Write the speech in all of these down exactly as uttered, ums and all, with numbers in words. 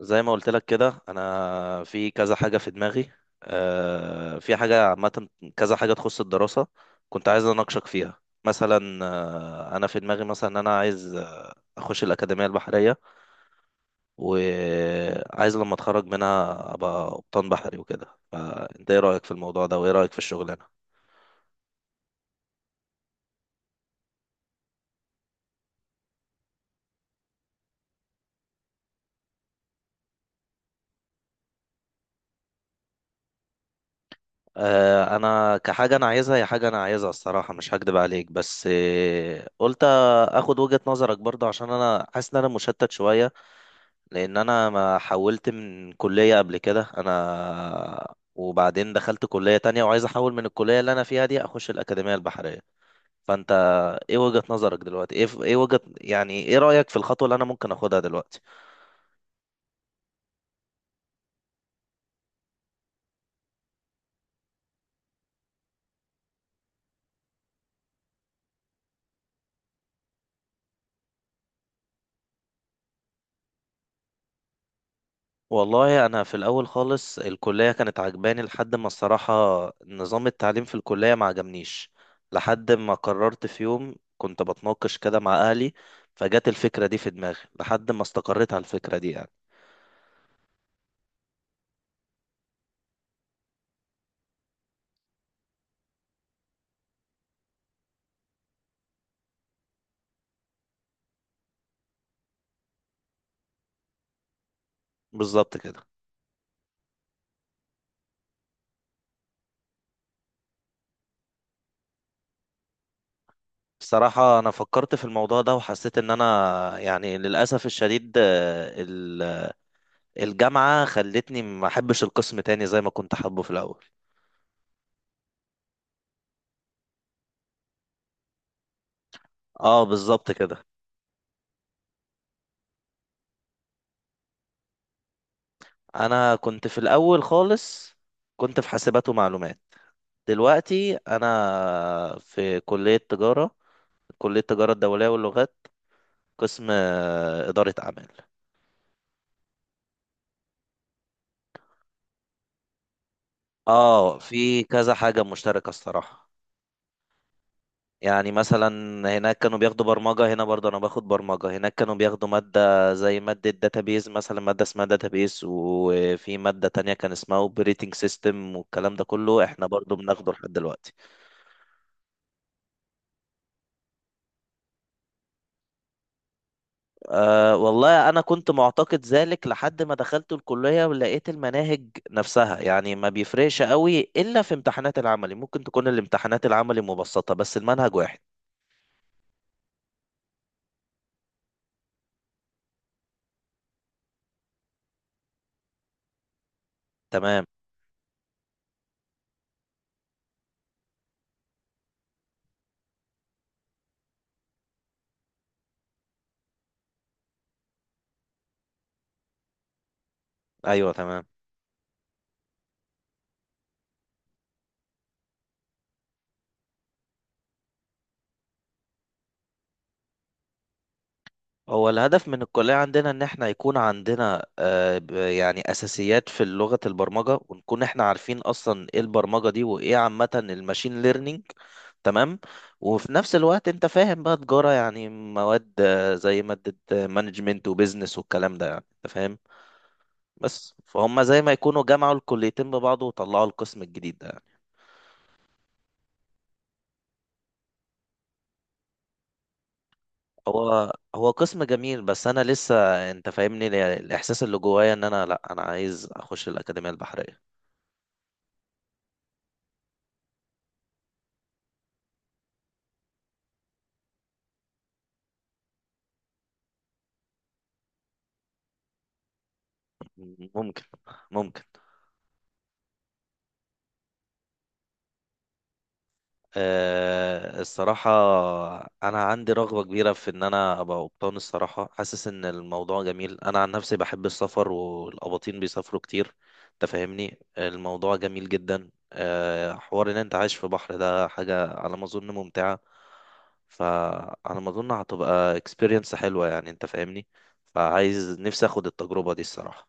زي ما قلت لك كده انا في كذا حاجه في دماغي. آه، في حاجه عامه. كذا حاجه تخص الدراسه. كنت عايز اناقشك فيها مثلا آه، انا في دماغي مثلا ان انا عايز آه، اخش الاكاديميه البحريه، وعايز لما اتخرج منها ابقى قبطان بحري وكده. انت ايه رايك في الموضوع ده وايه رايك في الشغلانه؟ آه، انا كحاجه انا عايزها، هي حاجه انا عايزها الصراحه، مش هكدب عليك، بس آه، قلت اخد وجهه نظرك برضه عشان انا حاسس ان انا مشتت شويه. لان انا ما حولت من كلية قبل كده انا، وبعدين دخلت كلية تانية وعايز احول من الكلية اللي انا فيها دي اخش الأكاديمية البحرية. فانت ايه وجهة نظرك دلوقتي؟ ايه ايه وجهة، يعني ايه رأيك في الخطوة اللي انا ممكن اخدها دلوقتي؟ والله انا في الاول خالص الكلية كانت عجباني، لحد ما الصراحة نظام التعليم في الكلية ما عجبنيش. لحد ما قررت في يوم كنت بتناقش كده مع اهلي، فجت الفكرة دي في دماغي، لحد ما استقريت على الفكرة دي يعني. بالظبط كده. بصراحة أنا فكرت في الموضوع ده وحسيت إن أنا يعني للأسف الشديد آه، ال- الجامعة خلتني ما أحبش القسم تاني زي ما كنت حابه في الأول. أه بالظبط كده. أنا كنت في الأول خالص، كنت في حاسبات ومعلومات. دلوقتي أنا في كلية تجارة، كلية تجارة الدولية واللغات، قسم آه، إدارة أعمال. أه في كذا حاجة مشتركة الصراحة. يعني مثلا هناك كانوا بياخدوا برمجة، هنا برضه أنا باخد برمجة. هناك كانوا بياخدوا مادة زي مادة داتابيز، مثلا مادة اسمها داتابيز، وفي مادة تانية كان اسمها اوبريتنج سيستم، والكلام ده كله احنا برضه بناخده لحد دلوقتي. أه والله أنا كنت معتقد ذلك لحد ما دخلت الكلية ولقيت المناهج نفسها، يعني ما بيفرقش قوي إلا في امتحانات العملي. ممكن تكون الامتحانات العملي مبسطة بس المنهج واحد. تمام. أيوه تمام. هو الهدف من الكلية عندنا إن إحنا يكون عندنا آه، ب- يعني أساسيات في لغة البرمجة، ونكون إحنا عارفين أصلا إيه البرمجة دي وإيه عامة الماشين ليرنينج. تمام. وفي نفس الوقت أنت فاهم بقى تجارة يعني مواد آه، زي مادة مانجمنت وبيزنس والكلام ده، يعني أنت فاهم. بس فهم زي ما يكونوا جمعوا الكليتين ببعض وطلعوا القسم الجديد ده يعني. هو هو قسم جميل، بس أنا لسه، أنت فاهمني، الإحساس اللي جوايا إن أنا، لأ أنا عايز أخش الأكاديمية البحرية. ممكن. ممكن. أه الصراحة. أنا عندي رغبة كبيرة في إن أنا أبقى قبطان. الصراحة حاسس إن الموضوع جميل، أنا عن نفسي بحب السفر والقباطين بيسافروا كتير. أنت فاهمني، الموضوع جميل جدا. أه حوار إن أنت عايش في بحر، ده حاجة على ما أظن ممتعة. فعلى ما أظن هتبقى experience حلوة، يعني أنت فاهمني. فعايز نفسي أخد التجربة دي الصراحة.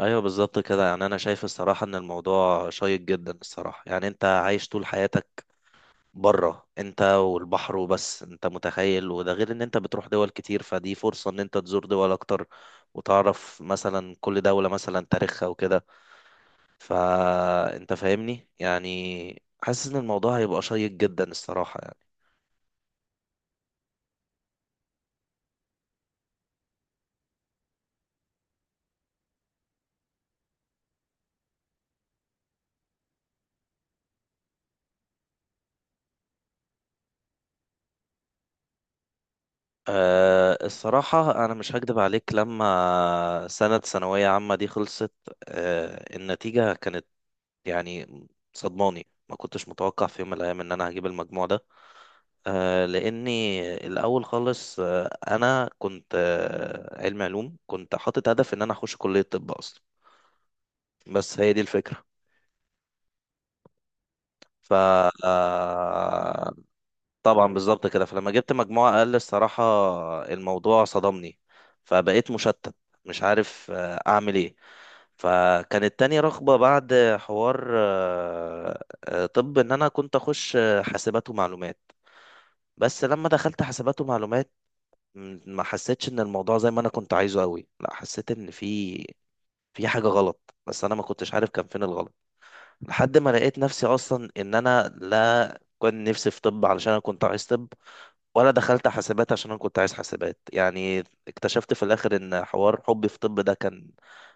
ايوه بالظبط كده. يعني انا شايف الصراحه ان الموضوع شيق جدا الصراحه، يعني انت عايش طول حياتك بره، انت والبحر وبس، انت متخيل. وده غير ان انت بتروح دول كتير، فدي فرصه ان انت تزور دول اكتر وتعرف مثلا كل دوله مثلا تاريخها وكده. فانت فاهمني، يعني حاسس ان الموضوع هيبقى شيق جدا الصراحه يعني. أه الصراحة أنا مش هكدب عليك، لما سنة ثانوية عامة دي خلصت، أه النتيجة كانت يعني صدماني. ما كنتش متوقع في يوم من الأيام إن أنا هجيب المجموع ده، آه، لأني الأول خالص، آه، أنا كنت آه، علم علوم، كنت حاطط هدف إن أنا أخش كلية طب أصلا، بس هي دي الفكرة. ف آه، طبعا بالظبط كده. فلما جبت مجموعة أقل الصراحة الموضوع صدمني، فبقيت مشتت، مش عارف آه، أعمل إيه. فكانت تاني رغبة بعد حوار، آه، آه، طب إن أنا كنت أخش آه، حاسبات ومعلومات. بس لما دخلت حاسبات ومعلومات م- ما حسيتش إن الموضوع زي ما أنا كنت عايزه أوي، لا حسيت إن في في حاجة غلط، بس أنا ما كنتش عارف كان فين الغلط. لحد ما لقيت نفسي أصلا إن أنا لا كنت نفسي في طب علشان أنا كنت عايز طب، ولا دخلت حاسبات عشان انا كنت عايز حاسبات يعني. اكتشفت في الاخر ان حوار حبي في طب ده كان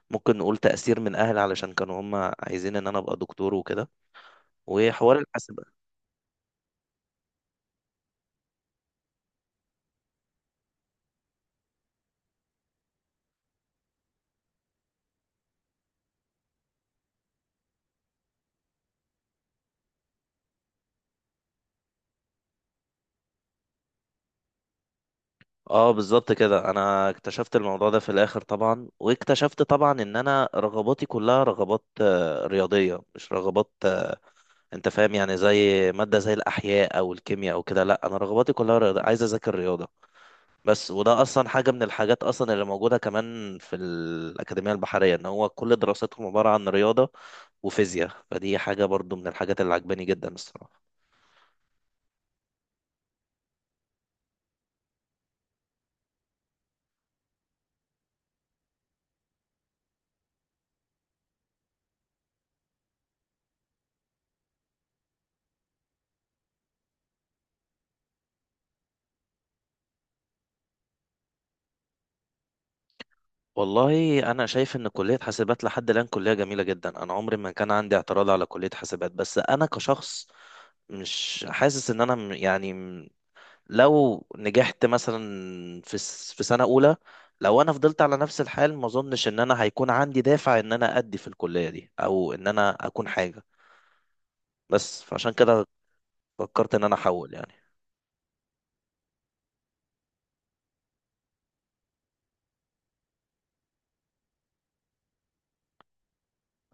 ممكن نقول تأثير من اهلي، علشان كانوا هم عايزين ان انا ابقى دكتور وكده. وحوار الحاسبات. اه بالظبط كده، انا اكتشفت الموضوع ده في الاخر طبعا، واكتشفت طبعا ان انا رغباتي كلها رغبات آه، رياضية، مش رغبات آه، انت فاهم يعني، زي مادة زي الاحياء او الكيمياء او كده، لا انا رغباتي كلها رياضة، عايز اذاكر رياضة بس. وده اصلا حاجه من الحاجات اصلا اللي موجوده كمان في الاكاديميه البحريه، ان هو كل دراستهم عباره عن رياضه وفيزياء، فدي حاجه برضو من الحاجات اللي عجباني جدا الصراحه. والله انا شايف ان كليه حاسبات لحد الان كليه جميله جدا، انا عمري ما كان عندي اعتراض على كليه حاسبات، بس انا كشخص مش حاسس ان انا م- يعني م- لو نجحت مثلا في س- في سنه اولى، لو انا فضلت على نفس الحال ما اظنش ان انا هيكون عندي دافع ان انا ادي في الكليه دي، او ان انا اكون حاجه. بس فعشان كده فكرت ان انا احول يعني.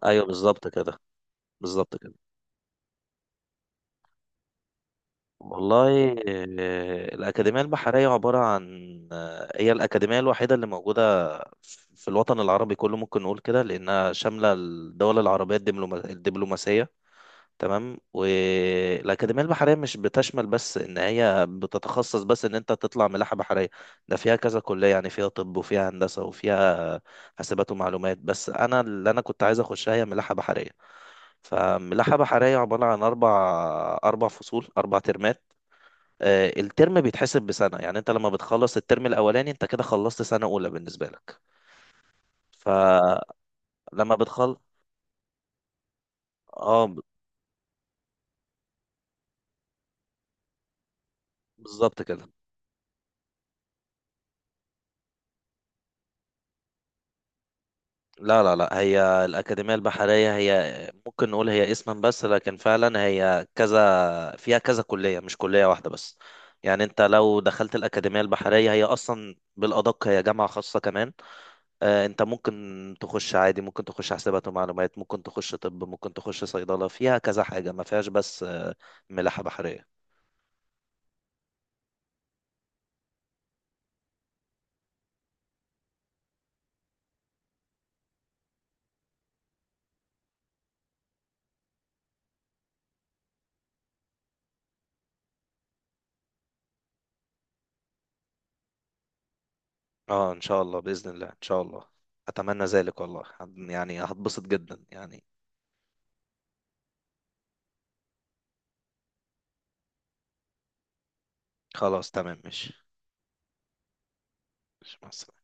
ايوه بالظبط كده. بالظبط كده. والله آه، الأكاديمية البحرية عبارة عن آه، هي الأكاديمية الوحيدة اللي موجودة في الوطن العربي كله، ممكن نقول كده، لأنها شاملة الدول العربية الدبلوما- الدبلوماسية. تمام. والأكاديمية البحرية مش بتشمل بس إن هي بتتخصص بس إن أنت تطلع ملاحة بحرية، ده فيها كذا كلية. يعني فيها طب وفيها هندسة وفيها حاسبات ومعلومات، بس أنا اللي أنا كنت عايز أخشها هي ملاحة بحرية. فملاحة بحرية عبارة عن أربع أربع فصول، أربع ترمات. آه، الترم بيتحسب بسنة، يعني أنت لما بتخلص الترم الأولاني أنت كده خلصت سنة أولى بالنسبة لك. فلما بتخلص آه ب- بالظبط كده. لا لا لا، هي الأكاديمية البحرية هي ممكن نقول هي اسما بس، لكن فعلا هي كذا فيها كذا كلية، مش كلية واحدة بس، يعني أنت لو دخلت الأكاديمية البحرية هي أصلا بالأدق هي جامعة خاصة كمان. آه، انت ممكن تخش عادي، ممكن تخش حسابات ومعلومات، ممكن تخش طب، ممكن تخش صيدلة، فيها كذا حاجة ما فيهاش بس آه، ملاحة بحرية. اه ان شاء الله، بإذن الله، ان شاء الله، اتمنى ذلك والله، يعني هتبسط جدا يعني. خلاص تمام ماشي. ماشي، مع السلامة.